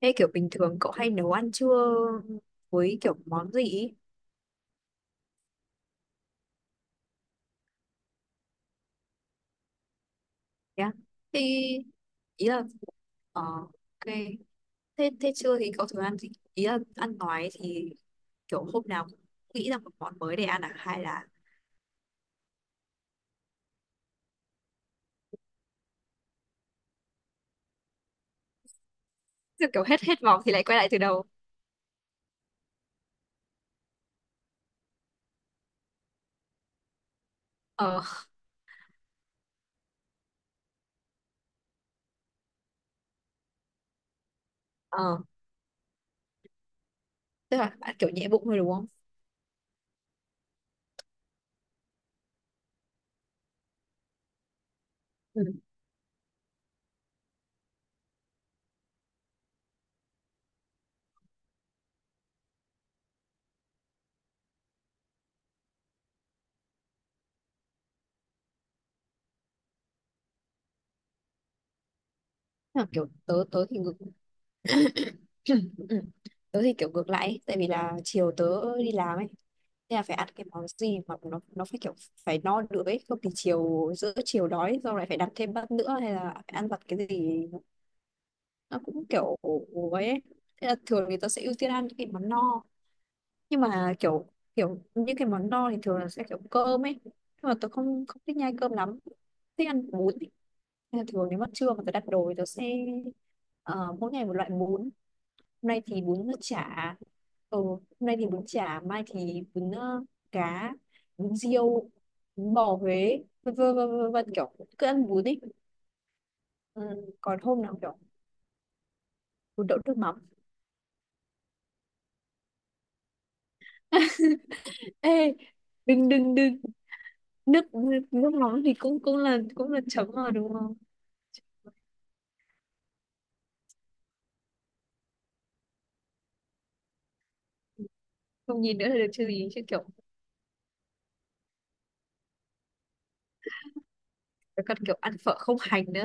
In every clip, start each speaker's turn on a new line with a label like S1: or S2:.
S1: Thế kiểu bình thường cậu hay nấu ăn trưa với kiểu món gì ý? Thế á? Thì ý là ok. Thế thế trưa thì cậu thường ăn gì? Ý là ăn nói thì kiểu hôm nào cũng nghĩ ra một món mới để ăn à hay là? Thế kiểu hết hết vòng thì lại quay lại từ đầu. Ờ ờ, tức là bạn kiểu nhẹ bụng thôi đúng không? Ừ. Tức là kiểu tớ tớ thì ngược. Ừ. Tớ thì kiểu ngược lại ấy, tại vì là chiều tớ đi làm ấy. Thế là phải ăn cái món gì mà nó phải kiểu phải no nữa ấy, không thì chiều giữa chiều đói rồi lại phải đặt thêm bát nữa hay là phải ăn vặt cái gì, nó cũng kiểu ấy ấy. Thế là thường thì tớ sẽ ưu tiên ăn những cái món no, nhưng mà kiểu, kiểu những cái món no thì thường là sẽ kiểu cơm ấy, nhưng mà tớ không không thích nhai cơm lắm, thích ăn bún ấy. Nên là thường nếu mà trưa mà tớ đặt đồ thì tớ sẽ ờ, mỗi ngày một loại bún. Hôm nay thì bún chả, ừ, hôm nay thì bún chả, mai thì bún cá, bún riêu, bún bò Huế, vân vân vân vân vân, kiểu cứ ăn bún đi. Ừ, còn hôm nào kiểu bún đậu nước mắm. Ê, đừng đừng đừng, nước nước nước mắm thì cũng cũng là chấm mà đúng không? Không nhìn nữa là được chứ gì, chứ kiểu phải cần kiểu ăn phở không hành nữa.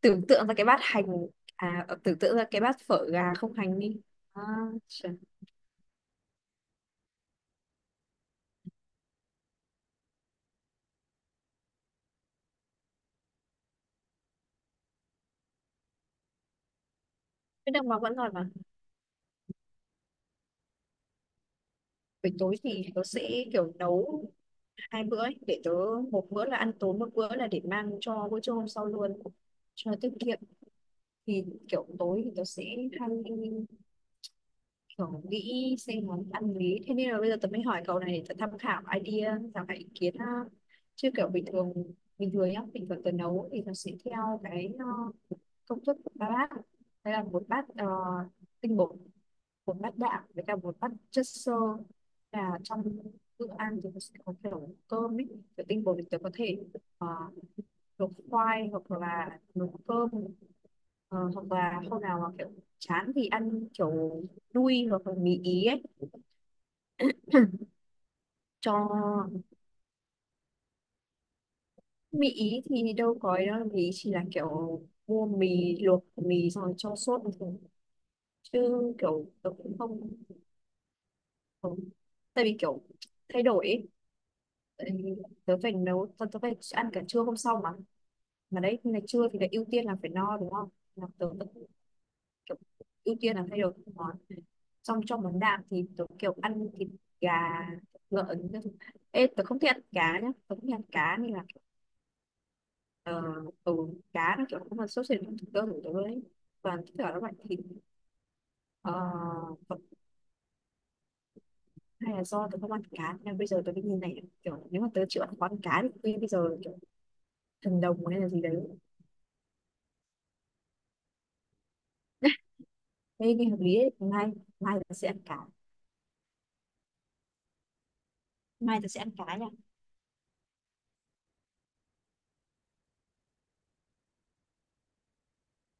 S1: Tưởng tượng ra cái bát hành, à, tưởng tượng ra cái bát phở gà không hành đi. À, trời. Cái đang mà vẫn ngon mà. Buổi tối thì tớ sẽ kiểu nấu hai bữa ấy, để tớ, một bữa là ăn tối, một bữa là để mang cho bữa trưa hôm sau luôn cho tiết kiệm. Thì kiểu tối thì tớ sẽ hay kiểu nghĩ xem món ăn gì, thế nên là bây giờ tớ mới hỏi cậu này để tớ tham khảo idea, tham khảo ý kiến ha. Chứ kiểu bình thường, bình thường nhá, bình thường tớ nấu thì tớ sẽ theo cái công thức của ba bát. Đây là một bát tinh bột, một bát đạm với cả một bát chất xơ. Là trong bữa ăn thì mình sẽ có kiểu cơm ấy, kiểu tinh bột thì tớ có thể ờ, luộc khoai hoặc là luộc cơm. Ờ, hoặc là hôm nào mà kiểu chán thì ăn kiểu đuôi hoặc là mì ý ấy. Cho mì ý thì đâu có ấy đâu, mì ý chỉ là kiểu mua mì, luộc mì xong rồi cho sốt thôi, chứ kiểu tôi cũng không. Ừ. Tại vì kiểu thay đổi ấy. Tại vì tớ phải ăn cả trưa hôm sau mà đấy, ngày trưa thì lại ưu tiên là phải no đúng không, là tớ vẫn kiểu ưu tiên là thay đổi các món. Xong trong món đạm thì tớ kiểu ăn thịt gà, lợn các thứ. Ê, tớ không thích ăn cá nhá, tớ không thích ăn cá nên là ờ, ừ, cá nó kiểu không là sốt sệt trong thực đơn của tớ đấy, toàn tất cả các loại thịt. ờ, Hay là do tớ không ăn cá nên bây giờ tớ mới như này, kiểu nếu mà tớ chịu ăn quán cá thì bây giờ thần đồng hay là gì đấy. Thế nghe hợp lý ấy. Mai, mai ta sẽ ăn cá, mai ta sẽ ăn cá nha.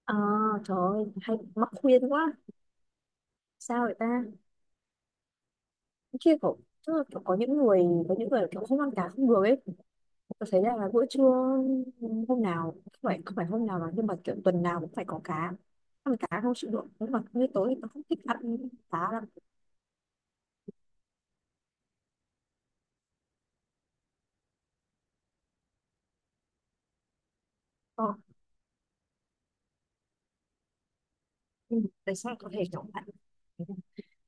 S1: ờ Trời ơi, hay mắc khuyên quá, sao vậy ta? Kia kiểu, tức là kiểu có những người kiểu không ăn cá không được ấy. Tôi thấy là bữa trưa hôm nào, không phải hôm nào mà nhưng mà kiểu tuần nào cũng phải có cá, ăn cá không chịu được, nhưng mà như tối thì tôi không thích ăn cá lắm. ờ, nhưng mà tại sao lại có thể kiểu ăn,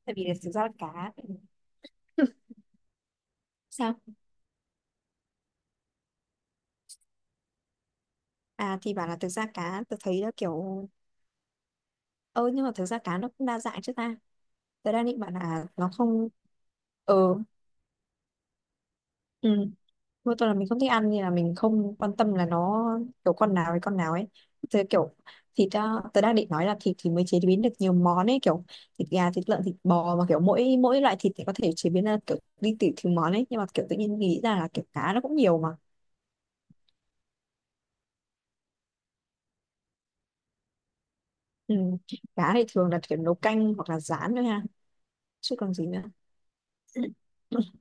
S1: tại vì là thực ra là cá. Sao? À thì bảo là thực ra cá tôi thấy là kiểu. Ờ, nhưng mà thực ra cá nó cũng đa dạng chứ ta. Tớ đang định bảo là nó không, ừ ừ, mỗi tuần là mình không thích ăn nên là mình không quan tâm là nó kiểu con nào với con nào ấy. Tớ kiểu thịt, à, tớ đang định nói là thịt thì mới chế biến được nhiều món ấy, kiểu thịt gà, thịt lợn, thịt bò, mà kiểu mỗi mỗi loại thịt thì có thể chế biến ra kiểu đi tỉ thứ món ấy, nhưng mà kiểu tự nhiên nghĩ ra là kiểu cá nó cũng nhiều mà. Ừ. Cá thì thường là kiểu nấu canh hoặc là rán thôi ha, chứ còn gì nữa.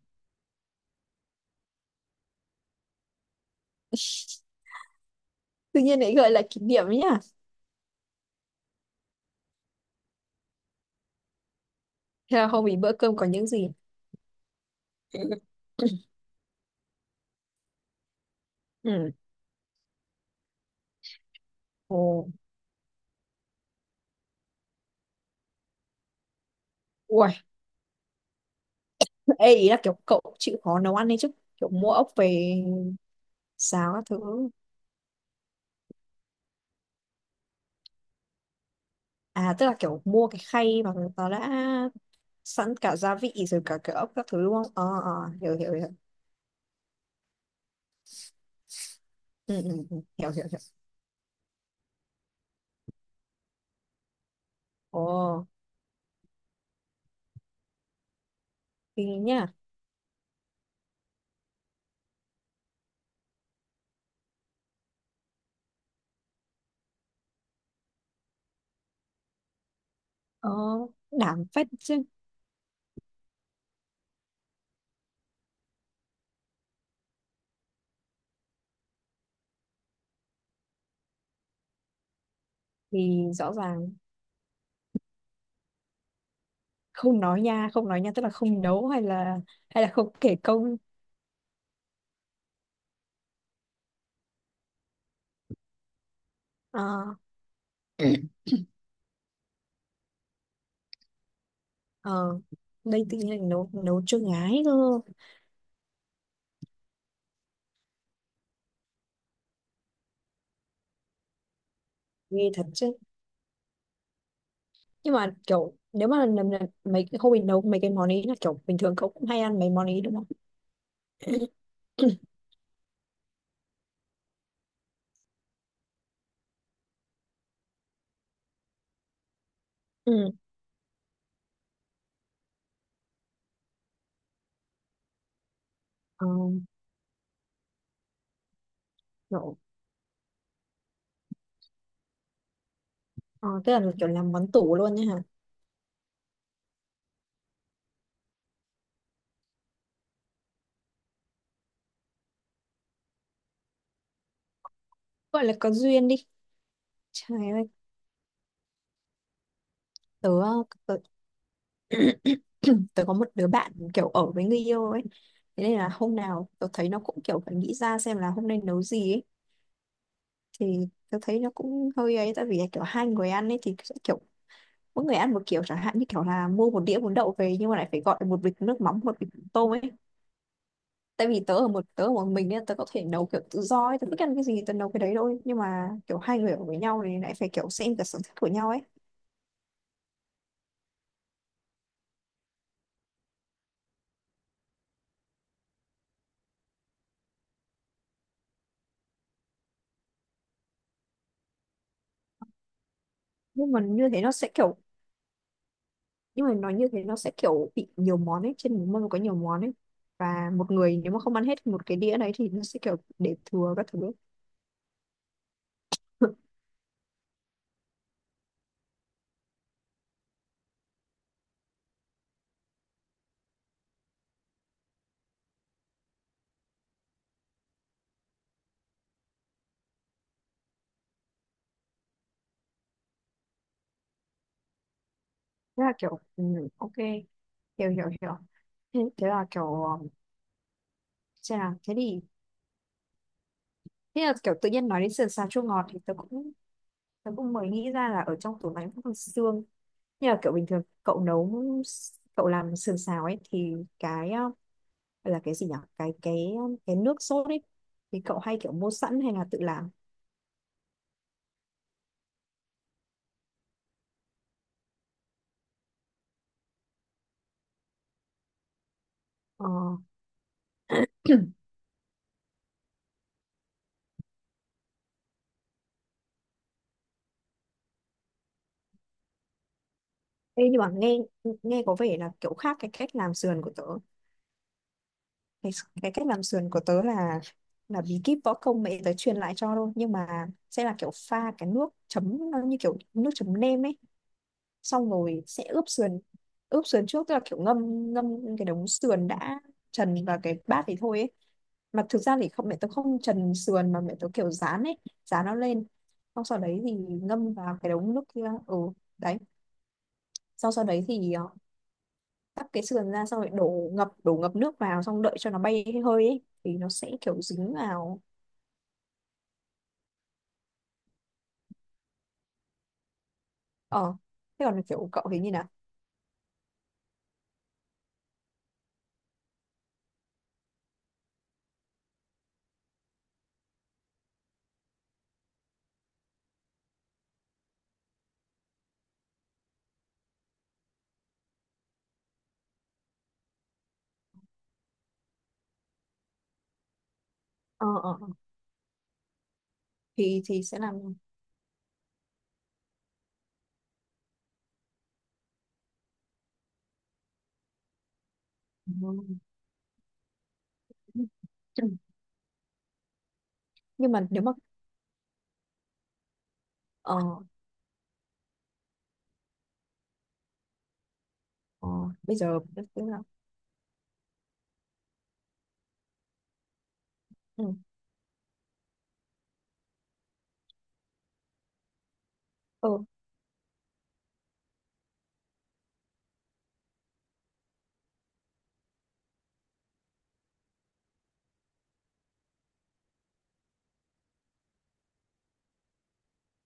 S1: Tự nhiên lại gợi lại kỷ niệm ấy nhá. Thế là hôm ý bữa cơm có những gì? Ừ. Ồ. Uầy, ê, ý là kiểu cậu chịu khó nấu ăn đấy chứ. Kiểu mua ốc về xào các thứ. À, tức là kiểu mua cái khay mà nó đã sẵn cả gia vị rồi, cả cái ốc các thứ đúng không? Ờ ờ, hiểu hiểu hiểu. Ừ, ừ, ừ, hiểu hiểu hiểu. Ồ, thì nhá. Ờ, đảm phách chứ. Thì rõ ràng. Không nói nha, không nói nha, tức là không nấu hay là không kể công. Ờ. Ờ, đây tự nhiên lại nấu nấu cho gái cơ, nghe thật chứ. Nhưng mà kiểu nếu mà lần lần mấy cái hôm mình nấu mấy cái món ấy, là kiểu bình thường cậu cũng hay ăn mấy món ấy đúng không? Ừ. Ờ, kiểu, ờ, tức là kiểu làm món tủ luôn nhá hả. Gọi là có duyên đi. Trời ơi. Tớ, tớ. Tớ có một đứa bạn kiểu ở với người yêu ấy, thế nên là hôm nào tớ thấy nó cũng kiểu phải nghĩ ra xem là hôm nay nấu gì ấy. Thì tớ thấy nó cũng hơi ấy, tại vì là kiểu hai người ăn ấy thì sẽ kiểu mỗi người ăn một kiểu, chẳng hạn như kiểu là mua một đĩa bún đậu về nhưng mà lại phải gọi một bịch nước mắm, một bịch tôm ấy. Tại vì tớ ở một mình nên tớ có thể nấu kiểu tự do ấy, tớ thích ăn cái gì tớ nấu cái đấy thôi, nhưng mà kiểu hai người ở với nhau thì lại phải kiểu xem cả sở thích của nhau ấy. Nhưng mà như thế nó sẽ kiểu, nhưng mà nói như thế nó sẽ kiểu bị nhiều món ấy, trên một mâm có nhiều món ấy, và một người nếu mà không ăn hết một cái đĩa đấy thì nó sẽ kiểu để thừa các thứ ấy. Thế là kiểu ừ, ok, hiểu hiểu hiểu. Thế, thế là kiểu. Xem nào, thế thì thế là kiểu tự nhiên nói đến sườn xào chua ngọt thì tớ cũng mới nghĩ ra là ở trong tủ lạnh cũng còn xương. Như là kiểu bình thường cậu nấu, cậu làm sườn xào ấy, thì cái gọi là cái gì nhỉ, cái cái nước sốt ấy, thì cậu hay kiểu mua sẵn hay là tự làm? Ờ. Ê, nhưng mà nghe, nghe có vẻ là kiểu khác cái cách làm sườn của tớ. Cái, cái cách làm sườn của tớ là bí kíp võ công mẹ tớ truyền lại cho thôi, nhưng mà sẽ là kiểu pha cái nước chấm nó như kiểu nước chấm nêm ấy, xong rồi sẽ Ướp sườn trước, tức là kiểu ngâm ngâm cái đống sườn đã trần vào cái bát thì thôi ấy. Mà thực ra thì không, mẹ tôi không trần sườn mà mẹ tôi kiểu rán ấy, rán nó lên. Xong sau đấy thì ngâm vào cái đống nước kia. Ừ, đấy. Xong sau đấy thì cắt cái sườn ra, xong rồi đổ ngập nước vào, xong đợi cho nó bay cái hơi ấy thì nó sẽ kiểu dính vào. Ờ, thế còn kiểu cậu thì như nào? Ờ ờ ờ. Thì sẽ làm. Ừ. Nhưng mà nếu mà, ờ, ờ, bây giờ tức tức là, ừ, ừ,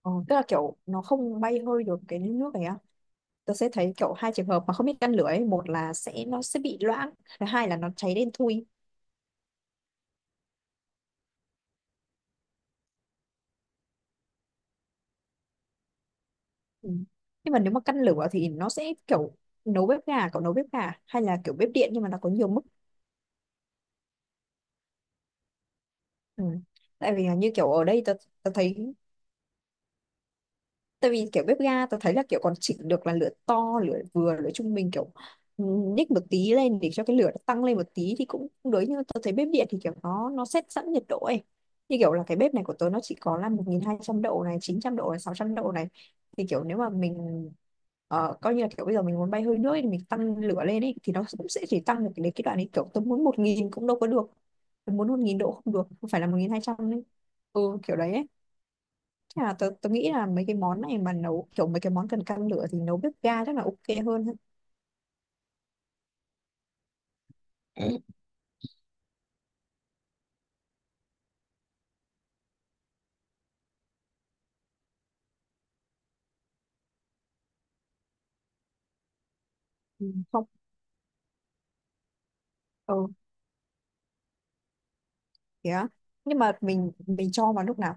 S1: ờ, tức là kiểu nó không bay hơi được cái nước này á. Tớ sẽ thấy kiểu hai trường hợp mà không biết căn lửa ấy, một là sẽ nó sẽ bị loãng, thứ hai là nó cháy đen thui. Ừ. Nhưng mà nếu mà căn lửa thì nó sẽ kiểu, nấu bếp gà, cậu nấu bếp gà hay là kiểu bếp điện nhưng mà nó có nhiều mức? Ừ. Tại vì là như kiểu ở đây tớ thấy, tại vì kiểu bếp ga tao thấy là kiểu còn chỉnh được là lửa to, lửa vừa, lửa trung bình kiểu, ừ, nhích một tí lên để cho cái lửa nó tăng lên một tí thì cũng cũng đối, nhưng mà thấy bếp điện thì kiểu nó set sẵn nhiệt độ ấy, như kiểu là cái bếp này của tớ nó chỉ có là 1200 độ này, 900 độ này, 600 độ này. Thì kiểu nếu mà mình coi như là kiểu bây giờ mình muốn bay hơi nước ấy, thì mình tăng lửa lên ấy, thì nó cũng sẽ chỉ tăng được đến cái đoạn ấy, kiểu tớ muốn 1000 cũng đâu có được, tớ muốn 1000 độ không được, không phải là 1200 ấy. Ừ, kiểu đấy ấy. Nhưng mà tớ nghĩ là mấy cái món này mà nấu kiểu, mấy cái món cần căn lửa thì nấu bếp ga chắc là ok hơn. Ừ, không. Ờ, thế á? Nhưng mà mình cho vào lúc nào?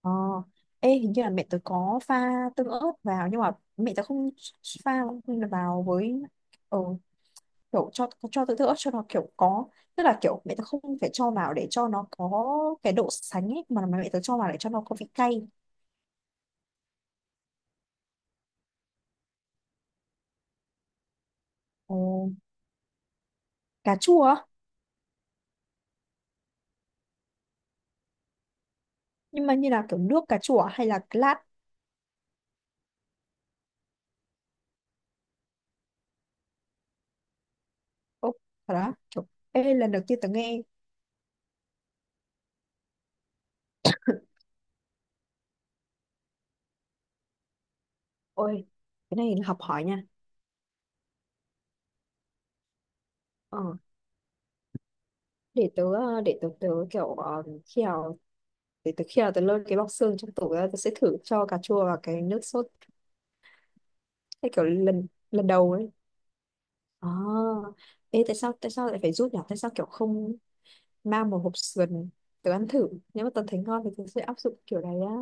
S1: Ờ. Ê, hình như là mẹ tớ có pha tương ớt vào, nhưng mà mẹ tớ không pha vào với, ờ, kiểu cho tớ tương ớt cho nó kiểu có, tức là kiểu mẹ tớ không phải cho vào để cho nó có cái độ sánh ấy, mà mẹ tớ cho vào để cho nó có vị cay. Ồ, cà chua á? Nhưng mà như là kiểu nước cà chua à, hay là lát? Úc, thật đó trời. Ê, lần đầu tiên tớ nghe. Ôi, cái này là học hỏi nha. ờ, để tớ, để tớ tớ kiểu, khi nào, để tớ khi nào tớ lôi cái bọc xương trong tủ ra tớ sẽ thử cho cà chua và cái nước sốt, cái kiểu lần lần đầu ấy. À, ê, tại sao lại phải rút nhỉ, tại sao kiểu không mang một hộp sườn, tớ ăn thử, nếu mà tớ thấy ngon thì tớ sẽ áp dụng kiểu này á.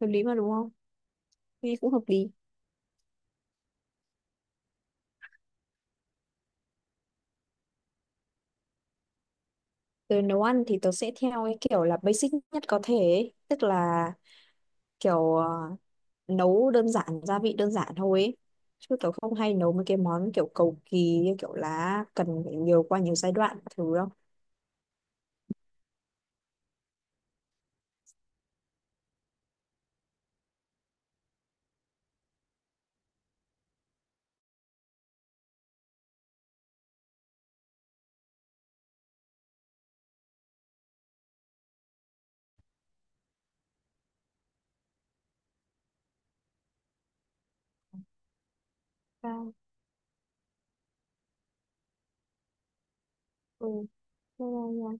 S1: Hợp lý mà đúng không? Nghe cũng hợp lý. Tớ nấu ăn thì tớ sẽ theo cái kiểu là basic nhất có thể ấy. Tức là kiểu nấu đơn giản, gia vị đơn giản thôi ấy, chứ kiểu không hay nấu mấy cái món kiểu cầu kỳ như kiểu là cần phải qua nhiều giai đoạn các thứ đâu. Và, ừ, thế là nhà